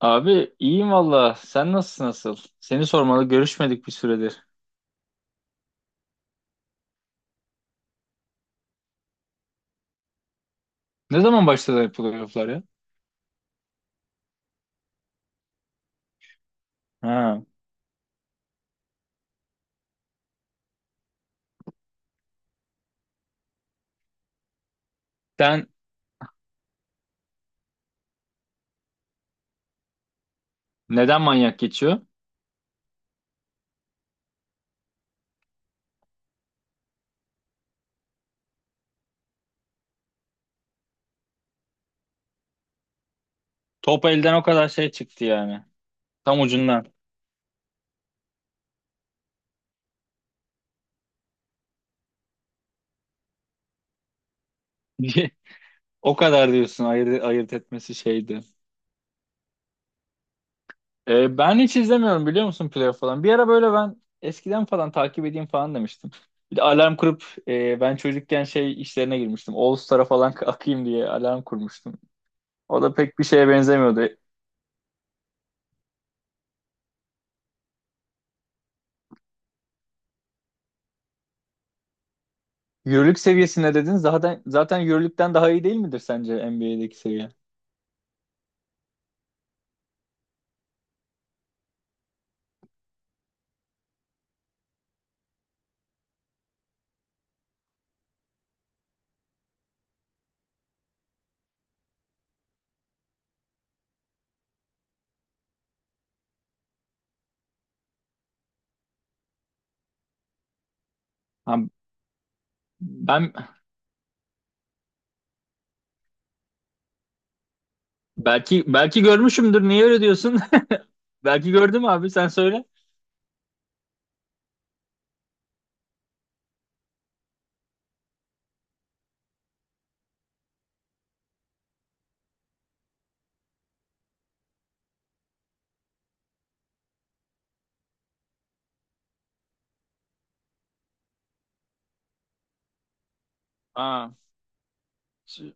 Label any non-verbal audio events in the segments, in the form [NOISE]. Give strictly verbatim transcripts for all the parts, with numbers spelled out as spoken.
Abi iyiyim valla. Sen nasılsın nasıl? Seni sormalı, görüşmedik bir süredir. Ne zaman başladı playofflar ya? Ha. Sen Neden manyak geçiyor? Top elden o kadar şey çıktı yani. Tam ucundan. [LAUGHS] O kadar diyorsun, ayırt, ayırt etmesi şeydi. Ee, ben hiç izlemiyorum biliyor musun, playoff falan. Bir ara böyle ben eskiden falan takip edeyim falan demiştim. Bir de alarm kurup e, ben çocukken şey işlerine girmiştim. All Star'a falan [LAUGHS] akayım diye alarm kurmuştum. O da pek bir şeye benzemiyordu. Euroleague seviyesine dedin, zaten zaten Euroleague'den daha iyi değil midir sence N B A'deki seviye? Ha, ben belki belki görmüşümdür. Niye öyle diyorsun? [LAUGHS] Belki gördüm abi, sen söyle. Aa, ş-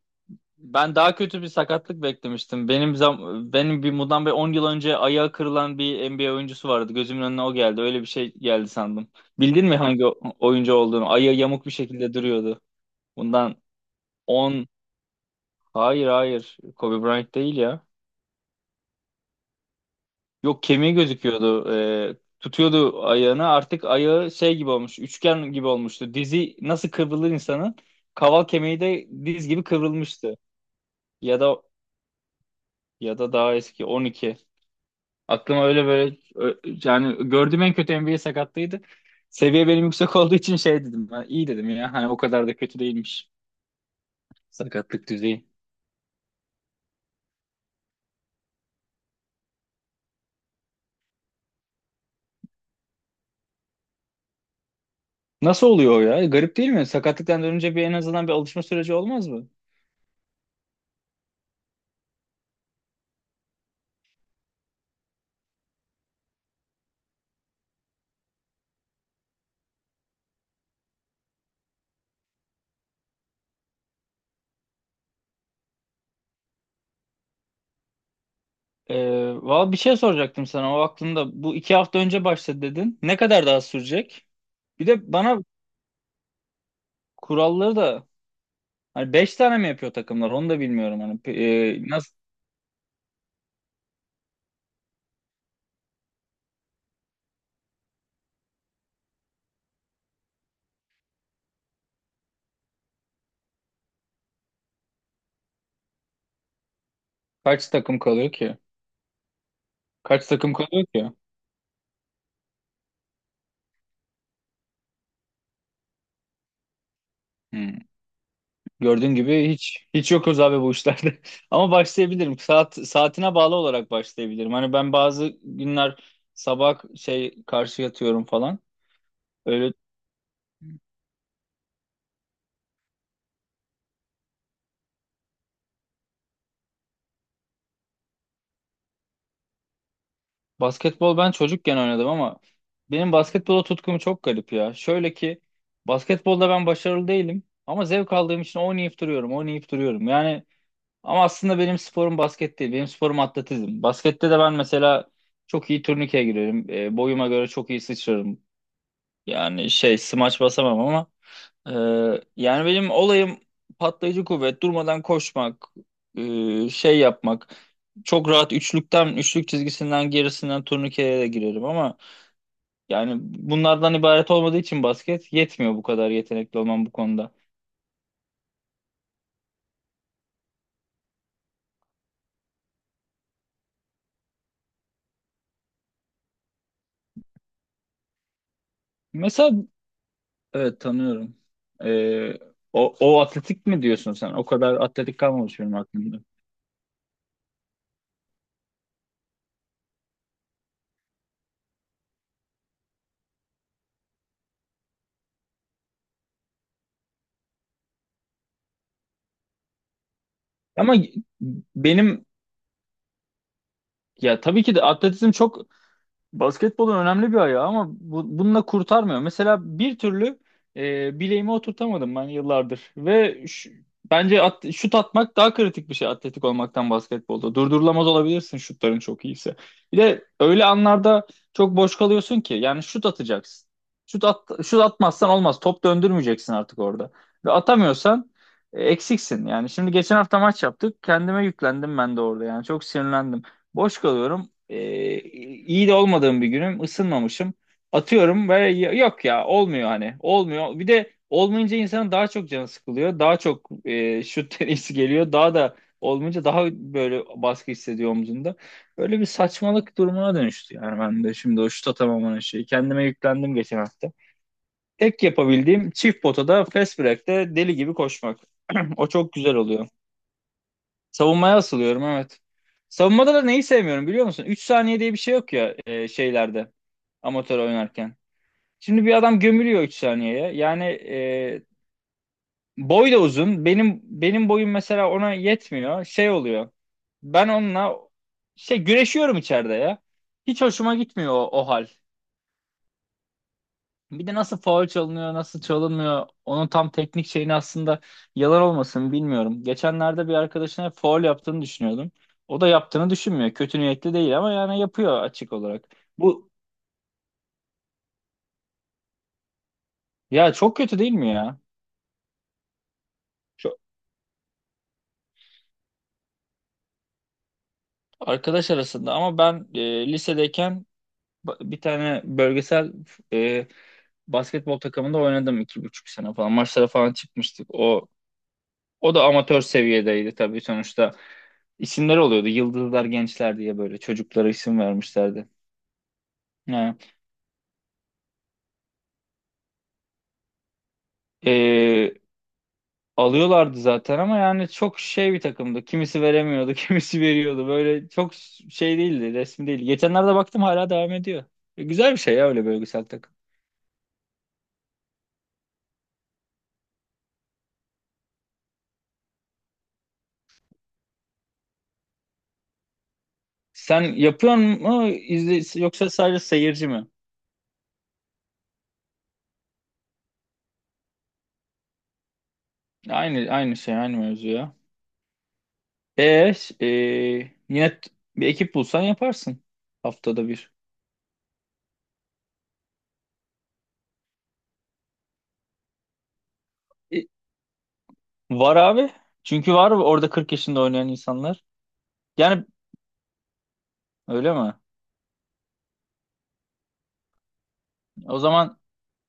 ben daha kötü bir sakatlık beklemiştim. Benim zam benim bir bundan bir on yıl önce ayağı kırılan bir N B A oyuncusu vardı. Gözümün önüne o geldi. Öyle bir şey geldi sandım. Bildin mi hangi o- oyuncu olduğunu? Ayağı yamuk bir şekilde duruyordu. Bundan on... Hayır, hayır. Kobe Bryant değil ya. Yok, kemiği gözüküyordu. Ee, tutuyordu ayağını. Artık ayağı şey gibi olmuş. Üçgen gibi olmuştu. Dizi nasıl kıvrılır insanın? Kaval kemiği de diz gibi kıvrılmıştı. Ya da ya da daha eski, on iki. Aklıma öyle böyle ö- yani gördüğüm en kötü N B A sakatlığıydı. Seviye benim yüksek olduğu için şey dedim. Ben iyi dedim ya, hani o kadar da kötü değilmiş sakatlık düzeyi. Nasıl oluyor o ya? Garip değil mi? Sakatlıktan dönünce bir, en azından bir alışma süreci olmaz mı? Ee, valla bir şey soracaktım sana, o aklımda. Bu iki hafta önce başladı dedin. Ne kadar daha sürecek? Bir de bana kuralları da, hani beş tane mi yapıyor takımlar, onu da bilmiyorum. Hani e, nasıl kaç takım kalıyor ki? Kaç takım kalıyor ki? Hmm. Gördüğün gibi hiç hiç yokuz abi bu işlerde. [LAUGHS] Ama başlayabilirim. Saat, saatine bağlı olarak başlayabilirim. Hani ben bazı günler sabah şey karşı yatıyorum falan. Öyle... Basketbol ben çocukken oynadım ama benim basketbola tutkum çok garip ya. Şöyle ki, basketbolda ben başarılı değilim ama zevk aldığım için oynayıp duruyorum, oynayıp duruyorum. Yani ama aslında benim sporum basket değil, benim sporum atletizm. Baskette de ben mesela çok iyi turnikeye girerim, e, boyuma göre çok iyi sıçrarım. Yani şey, smaç basamam ama ee, yani benim olayım patlayıcı kuvvet, durmadan koşmak, e, şey yapmak. Çok rahat üçlükten, üçlük çizgisinden gerisinden turnikeye de girerim ama yani bunlardan ibaret olmadığı için basket yetmiyor, bu kadar yetenekli olmam bu konuda. Mesela evet, tanıyorum. Ee, O, o atletik mi diyorsun sen? O kadar atletik kalmamış benim aklımda. Ama benim Ya tabii ki de atletizm çok basketbolun önemli bir ayağı ama bu, bununla kurtarmıyor. Mesela bir türlü e, bileğimi oturtamadım ben yıllardır. Ve şu- bence at- şut atmak daha kritik bir şey atletik olmaktan basketbolda. Durdurulamaz olabilirsin şutların çok iyiyse. Bir de öyle anlarda çok boş kalıyorsun ki, yani şut atacaksın. Şut, at, şut atmazsan olmaz. Top döndürmeyeceksin artık orada. Ve atamıyorsan, e, eksiksin. Yani şimdi geçen hafta maç yaptık. Kendime yüklendim ben de orada, yani çok sinirlendim. Boş kalıyorum. Ee, iyi de olmadığım bir günüm, ısınmamışım. Atıyorum böyle, y- yok ya, olmuyor, hani olmuyor. Bir de olmayınca insanın daha çok canı sıkılıyor. Daha çok e, şut [LAUGHS] deneyesi geliyor. Daha da olmayınca daha böyle baskı hissediyor omzunda. Böyle bir saçmalık durumuna dönüştü yani ben de şimdi, o şut atamamanın şeyi. Kendime yüklendim geçen hafta. Tek yapabildiğim çift potada fast break'te deli gibi koşmak. [CLEARS THROAT] O çok güzel oluyor. Savunmaya asılıyorum evet. Savunmada da neyi sevmiyorum biliyor musun? Üç saniye diye bir şey yok ya e, şeylerde, amatör oynarken. Şimdi bir adam gömülüyor üç saniyeye. Yani e, boy da uzun. Benim benim boyum mesela ona yetmiyor. Şey oluyor. Ben onunla şey, güreşiyorum içeride ya. Hiç hoşuma gitmiyor o, o hal. Bir de nasıl faul çalınıyor, nasıl çalınmıyor, onun tam teknik şeyini aslında yalan olmasın, bilmiyorum. Geçenlerde bir arkadaşına faul yaptığını düşünüyordum. O da yaptığını düşünmüyor. Kötü niyetli değil ama yani yapıyor, açık olarak. Bu Ya çok kötü değil mi ya? Şu Arkadaş arasında, ama ben e, lisedeyken ba- bir tane bölgesel, e, basketbol takımında oynadım iki buçuk sene falan. Maçlara falan çıkmıştık. O O da amatör seviyedeydi tabii sonuçta. İsimler oluyordu. Yıldızlar, Gençler diye böyle çocuklara isim vermişlerdi. Yani, eee, alıyorlardı zaten ama yani çok şey bir takımdı. Kimisi veremiyordu, [LAUGHS] kimisi veriyordu. Böyle çok şey değildi, resmi değil. Geçenlerde baktım, hala devam ediyor. E, güzel bir şey ya öyle bölgesel takım. Sen yapıyor mu izle, yoksa sadece seyirci mi? Aynı aynı şey, aynı mevzu ya. E, ş- e, Yine t- bir ekip bulsan yaparsın, haftada bir. Var abi. Çünkü var orada kırk yaşında oynayan insanlar. Yani öyle mi? O zaman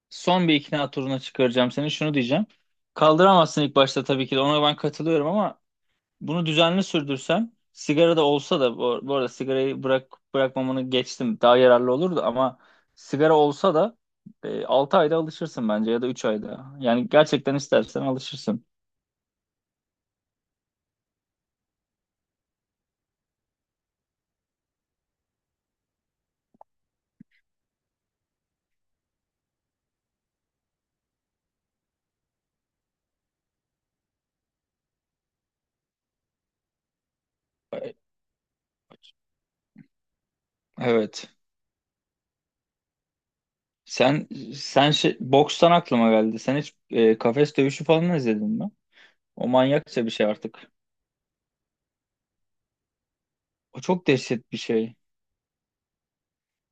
son bir ikna turuna çıkaracağım seni. Şunu diyeceğim. Kaldıramazsın ilk başta tabii ki de. Ona ben katılıyorum ama bunu düzenli sürdürsen, sigara da olsa da, bu, bu arada sigarayı bırak bırakmamanı geçtim, daha yararlı olurdu ama, sigara olsa da e, altı ayda alışırsın bence ya da üç ayda. Yani gerçekten istersen alışırsın. Evet. Sen sen şey, bokstan aklıma geldi. Sen hiç e, kafes dövüşü falan izledin mi? O manyakça bir şey artık. O çok dehşet bir şey.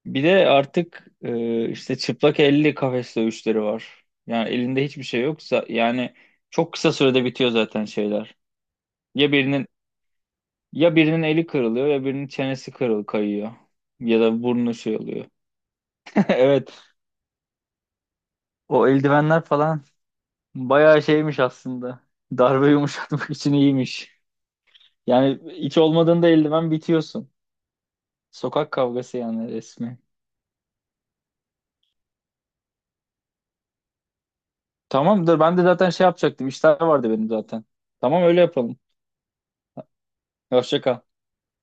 Bir de artık e, işte çıplak elli kafes dövüşleri var. Yani elinde hiçbir şey yoksa yani çok kısa sürede bitiyor zaten şeyler. Ya birinin ya birinin eli kırılıyor, ya birinin çenesi kırıl kayıyor ya da burnu şey oluyor. [LAUGHS] Evet. O eldivenler falan bayağı şeymiş aslında. Darbe yumuşatmak için iyiymiş. Yani hiç olmadığında eldiven, bitiyorsun. Sokak kavgası yani, resmi. Tamamdır. Ben de zaten şey yapacaktım, İşler vardı benim zaten. Tamam, öyle yapalım. Hoşça kal.